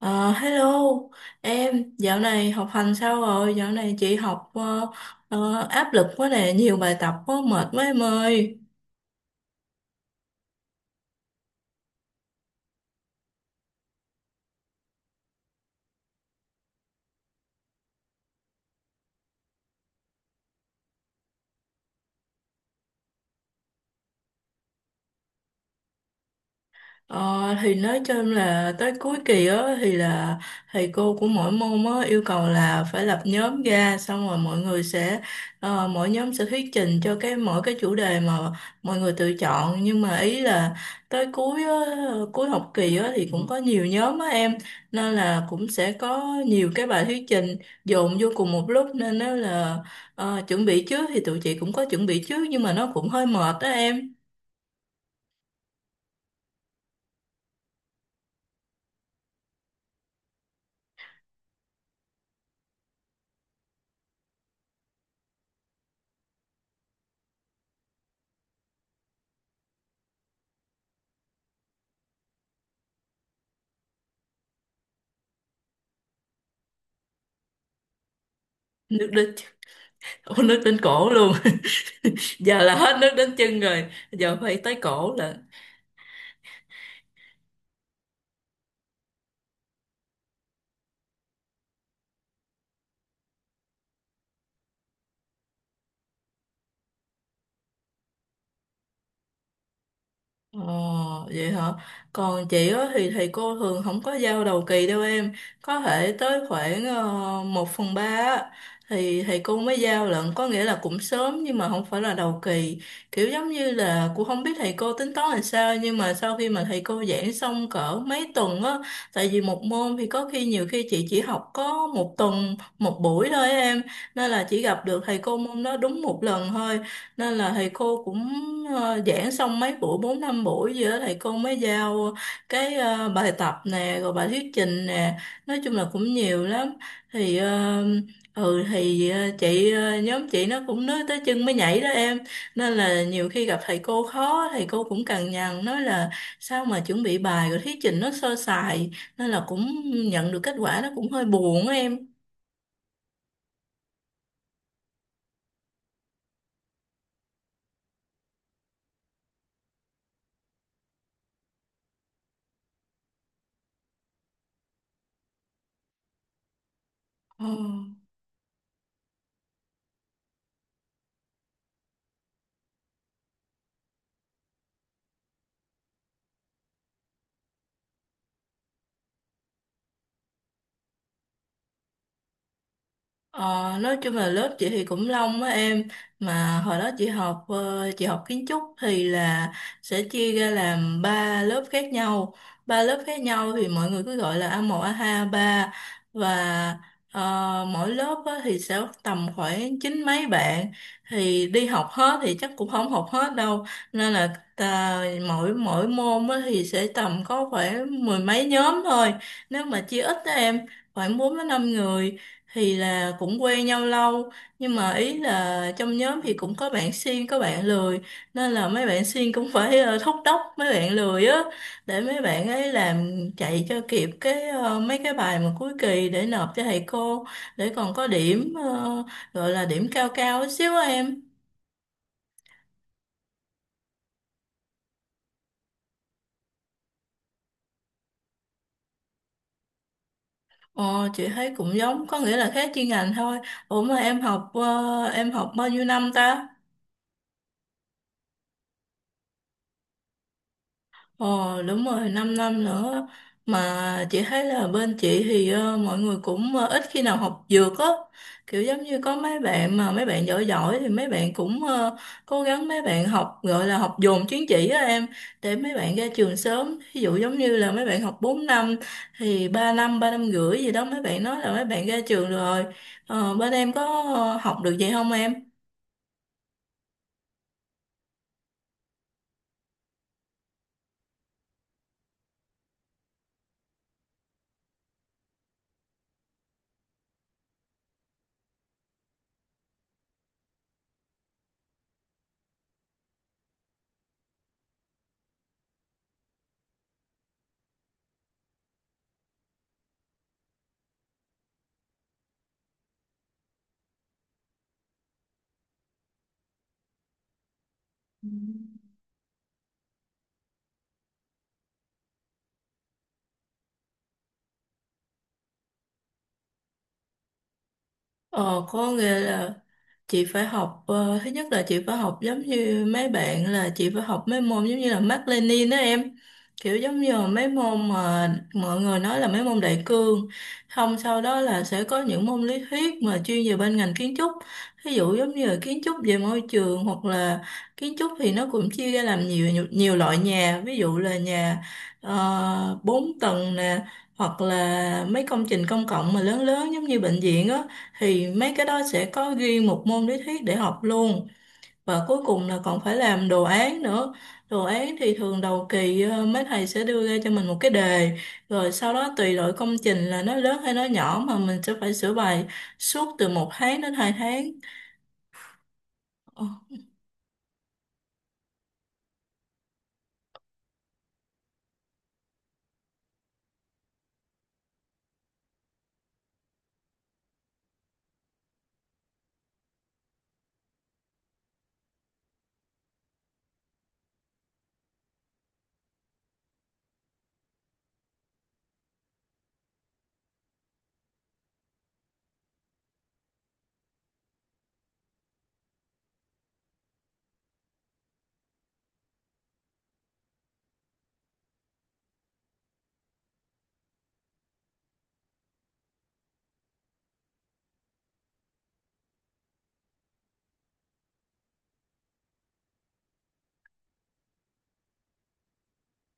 Ờ, Hello em, dạo này học hành sao rồi? Dạo này chị học áp lực quá nè, nhiều bài tập quá, mệt quá em ơi. Ờ, thì nói chung là tới cuối kỳ á thì là thầy cô của mỗi môn á yêu cầu là phải lập nhóm ra, xong rồi mọi người sẽ mỗi nhóm sẽ thuyết trình cho cái mỗi cái chủ đề mà mọi người tự chọn, nhưng mà ý là tới cuối á, cuối học kỳ á thì cũng có nhiều nhóm á em, nên là cũng sẽ có nhiều cái bài thuyết trình dồn vô cùng một lúc nên nó là chuẩn bị trước thì tụi chị cũng có chuẩn bị trước, nhưng mà nó cũng hơi mệt đó em. Nước đến Nước đến cổ luôn. Giờ là hết nước đến chân rồi. Giờ phải tới cổ là. Ồ, vậy hả? Còn chị á thì thầy cô thường không có giao đầu kỳ đâu em. Có thể tới khoảng 1 phần 3 á, thì thầy cô mới giao lận. Có nghĩa là cũng sớm nhưng mà không phải là đầu kỳ. Kiểu giống như là cũng không biết thầy cô tính toán làm sao, nhưng mà sau khi mà thầy cô giảng xong cỡ mấy tuần á, tại vì một môn thì có khi nhiều khi chị chỉ học có một tuần, một buổi thôi á em. Nên là chỉ gặp được thầy cô môn đó đúng một lần thôi, nên là thầy cô cũng giảng xong mấy buổi, bốn năm buổi gì đó, thầy cô mới giao cái bài tập nè rồi bài thuyết trình nè, nói chung là cũng nhiều lắm. Thì ờ, ừ thì ờ, chị ờ, Nhóm chị nó cũng nói tới chân mới nhảy đó em, nên là nhiều khi gặp thầy cô khó, thầy cô cũng cằn nhằn nói là sao mà chuẩn bị bài rồi thuyết trình nó sơ sài, nên là cũng nhận được kết quả nó cũng hơi buồn á em. Ừ. Ờ, nói chung là lớp chị thì cũng long á em, mà hồi đó chị học chị học kiến trúc thì là sẽ chia ra làm ba lớp khác nhau. Ba lớp khác nhau thì mọi người cứ gọi là a một, a hai, a ba. Và mỗi lớp á, thì sẽ tầm khoảng chín mấy bạn, thì đi học hết thì chắc cũng không học hết đâu, nên là ta, mỗi mỗi môn á, thì sẽ tầm có khoảng mười mấy nhóm thôi, nếu mà chia ít đó em, khoảng 4 đến 5 người, thì là cũng quen nhau lâu, nhưng mà ý là trong nhóm thì cũng có bạn siêng có bạn lười, nên là mấy bạn siêng cũng phải thúc đốc mấy bạn lười á, để mấy bạn ấy làm, chạy cho kịp cái mấy cái bài mà cuối kỳ để nộp cho thầy cô, để còn có điểm gọi là điểm cao cao chút xíu á em. Ờ, chị thấy cũng giống, có nghĩa là khác chuyên ngành thôi. Ủa mà em học em học bao nhiêu năm ta? Ờ đúng rồi, 5 năm nữa. Mà chị thấy là bên chị thì mọi người cũng ít khi nào học dược á. Kiểu giống như có mấy bạn mà mấy bạn giỏi giỏi thì mấy bạn cũng cố gắng, mấy bạn học gọi là học dồn chứng chỉ á em, để mấy bạn ra trường sớm. Ví dụ giống như là mấy bạn học 4 năm thì 3 năm, 3 năm rưỡi gì đó mấy bạn nói là mấy bạn ra trường rồi. Ờ, bên em có học được vậy không em? Ờ, có nghĩa là chị phải học thứ nhất là chị phải học giống như mấy bạn, là chị phải học mấy môn giống như là Mác Lênin đó em, kiểu giống như là mấy môn mà mọi người nói là mấy môn đại cương. Không, sau đó là sẽ có những môn lý thuyết mà chuyên về bên ngành kiến trúc, ví dụ giống như là kiến trúc về môi trường, hoặc là kiến trúc thì nó cũng chia ra làm nhiều nhiều, nhiều loại nhà, ví dụ là nhà 4 tầng nè, hoặc là mấy công trình công cộng mà lớn lớn giống như bệnh viện á, thì mấy cái đó sẽ có ghi một môn lý thuyết để học luôn. Và cuối cùng là còn phải làm đồ án nữa. Đồ án thì thường đầu kỳ mấy thầy sẽ đưa ra cho mình một cái đề, rồi sau đó tùy loại công trình là nó lớn hay nó nhỏ mà mình sẽ phải sửa bài suốt từ một tháng đến hai tháng.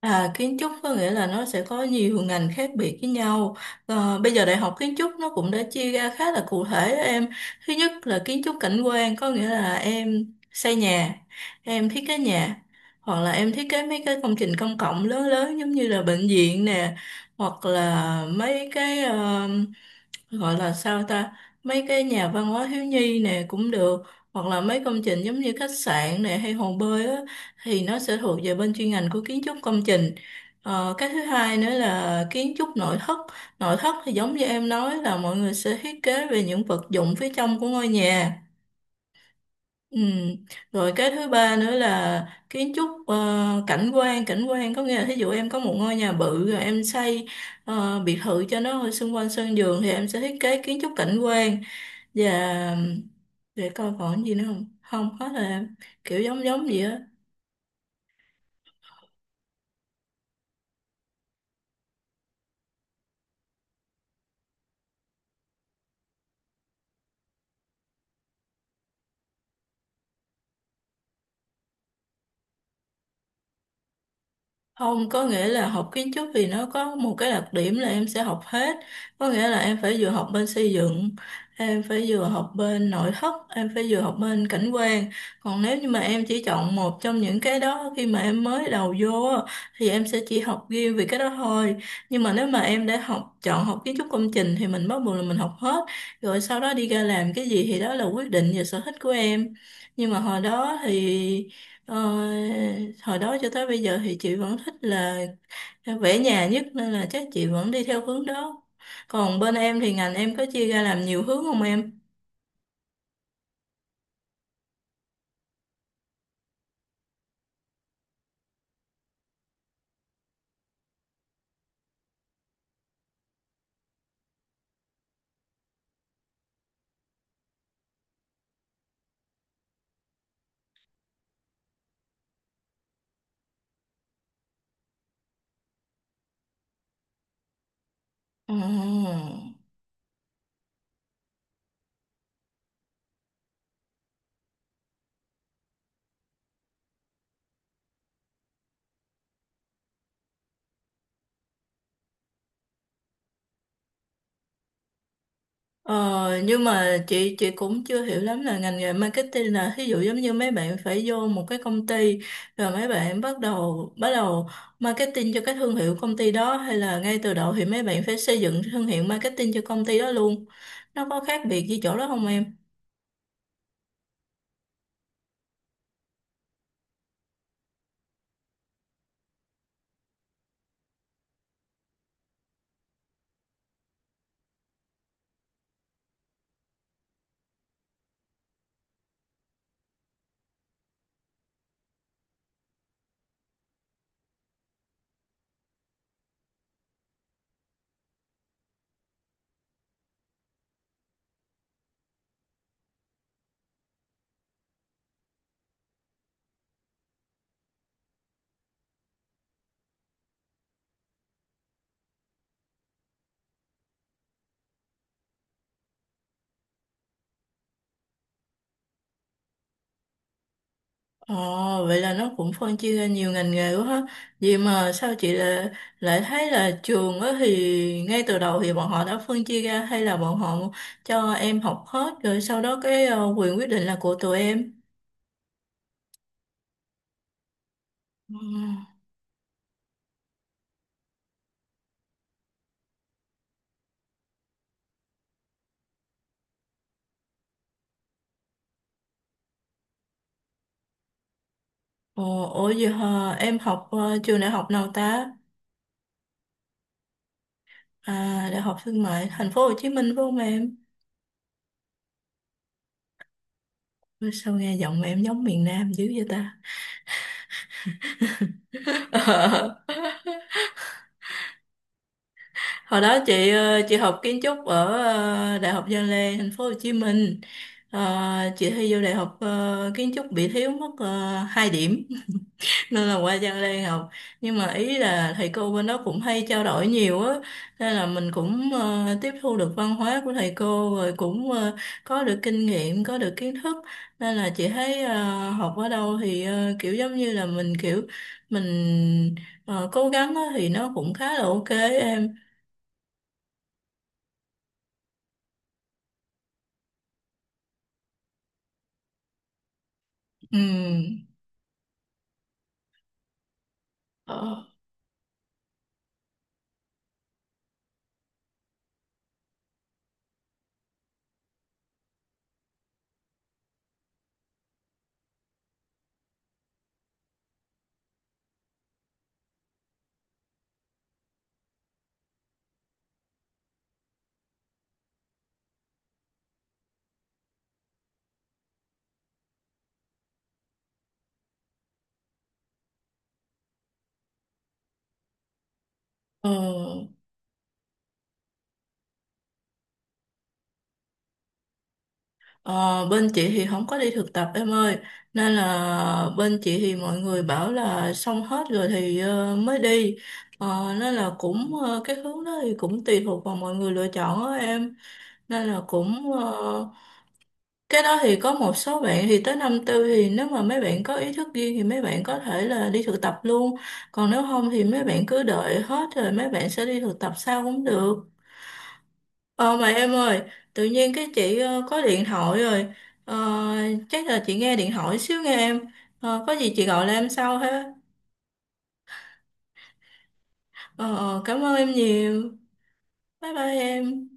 À, kiến trúc có nghĩa là nó sẽ có nhiều ngành khác biệt với nhau. Ờ, bây giờ đại học kiến trúc nó cũng đã chia ra khá là cụ thể đó em. Thứ nhất là kiến trúc cảnh quan, có nghĩa là em xây nhà, em thiết kế nhà, hoặc là em thiết kế mấy cái công trình công cộng lớn lớn giống như là bệnh viện nè, hoặc là mấy cái gọi là sao ta, mấy cái nhà văn hóa thiếu nhi nè cũng được, hoặc là mấy công trình giống như khách sạn nè hay hồ bơi á, thì nó sẽ thuộc về bên chuyên ngành của kiến trúc công trình. Cái thứ hai nữa là kiến trúc nội thất. Nội thất thì giống như em nói, là mọi người sẽ thiết kế về những vật dụng phía trong của ngôi nhà. Ừ. Rồi cái thứ ba nữa là kiến trúc cảnh quan. Cảnh quan có nghĩa là thí dụ em có một ngôi nhà bự rồi em xây biệt thự cho nó ở xung quanh sân vườn, thì em sẽ thiết kế kiến trúc cảnh quan. Và để coi còn gì nữa không, không, hết rồi em. Kiểu giống giống gì á. Không, có nghĩa là học kiến trúc thì nó có một cái đặc điểm là em sẽ học hết. Có nghĩa là em phải vừa học bên xây dựng, em phải vừa học bên nội thất, em phải vừa học bên cảnh quan. Còn nếu như mà em chỉ chọn một trong những cái đó khi mà em mới đầu vô á, thì em sẽ chỉ học riêng về cái đó thôi. Nhưng mà nếu mà em đã học chọn học kiến trúc công trình thì mình bắt buộc là mình học hết. Rồi sau đó đi ra làm cái gì thì đó là quyết định và sở thích của em. Nhưng mà hồi đó thì Ờ, hồi đó cho tới bây giờ thì chị vẫn thích là vẽ nhà nhất, nên là chắc chị vẫn đi theo hướng đó. Còn bên em thì ngành em có chia ra làm nhiều hướng không em? Ồ. Ờ, nhưng mà chị cũng chưa hiểu lắm là ngành nghề marketing là thí dụ giống như mấy bạn phải vô một cái công ty, rồi mấy bạn bắt đầu marketing cho cái thương hiệu công ty đó, hay là ngay từ đầu thì mấy bạn phải xây dựng thương hiệu marketing cho công ty đó luôn. Nó có khác biệt gì chỗ đó không em? Ồ, vậy là nó cũng phân chia ra nhiều ngành nghề quá ha. Vậy mà sao chị lại, lại thấy là trường á thì ngay từ đầu thì bọn họ đã phân chia ra, hay là bọn họ cho em học hết rồi sau đó cái quyền quyết định là của tụi em. Ừ. Ồ, ủa vậy hả? Em học trường đại học nào ta? À, Đại học Thương mại Thành phố Hồ Chí Minh phải không em? Sao nghe giọng em giống miền Nam dữ vậy ta? Hồi đó chị chị học kiến trúc ở Đại học Văn Lang Thành phố Hồ Chí Minh. Ờ, chị thi vô đại học kiến trúc bị thiếu mất 2 điểm nên là qua Văn Lang học. Nhưng mà ý là thầy cô bên đó cũng hay trao đổi nhiều á, nên là mình cũng tiếp thu được văn hóa của thầy cô, rồi cũng có được kinh nghiệm, có được kiến thức, nên là chị thấy học ở đâu thì kiểu giống như là mình kiểu mình ờ, cố gắng á thì nó cũng khá là ok em. Ừ. Ờ, ờ, ờ, Bên chị thì không có đi thực tập em ơi, nên là bên chị thì mọi người bảo là xong hết rồi thì mới đi. Ờ, nên là cũng cái hướng đó thì cũng tùy thuộc vào mọi người lựa chọn đó em, nên là cũng cái đó thì có một số bạn thì tới năm tư thì nếu mà mấy bạn có ý thức riêng thì mấy bạn có thể là đi thực tập luôn, còn nếu không thì mấy bạn cứ đợi hết rồi mấy bạn sẽ đi thực tập sau cũng được. Ờ mà em ơi, tự nhiên cái chị có điện thoại rồi, Ờ, chắc là chị nghe điện thoại xíu nghe em, Ờ, có gì chị gọi lại em sau ha. Ờ, Cảm ơn em nhiều, bye bye em.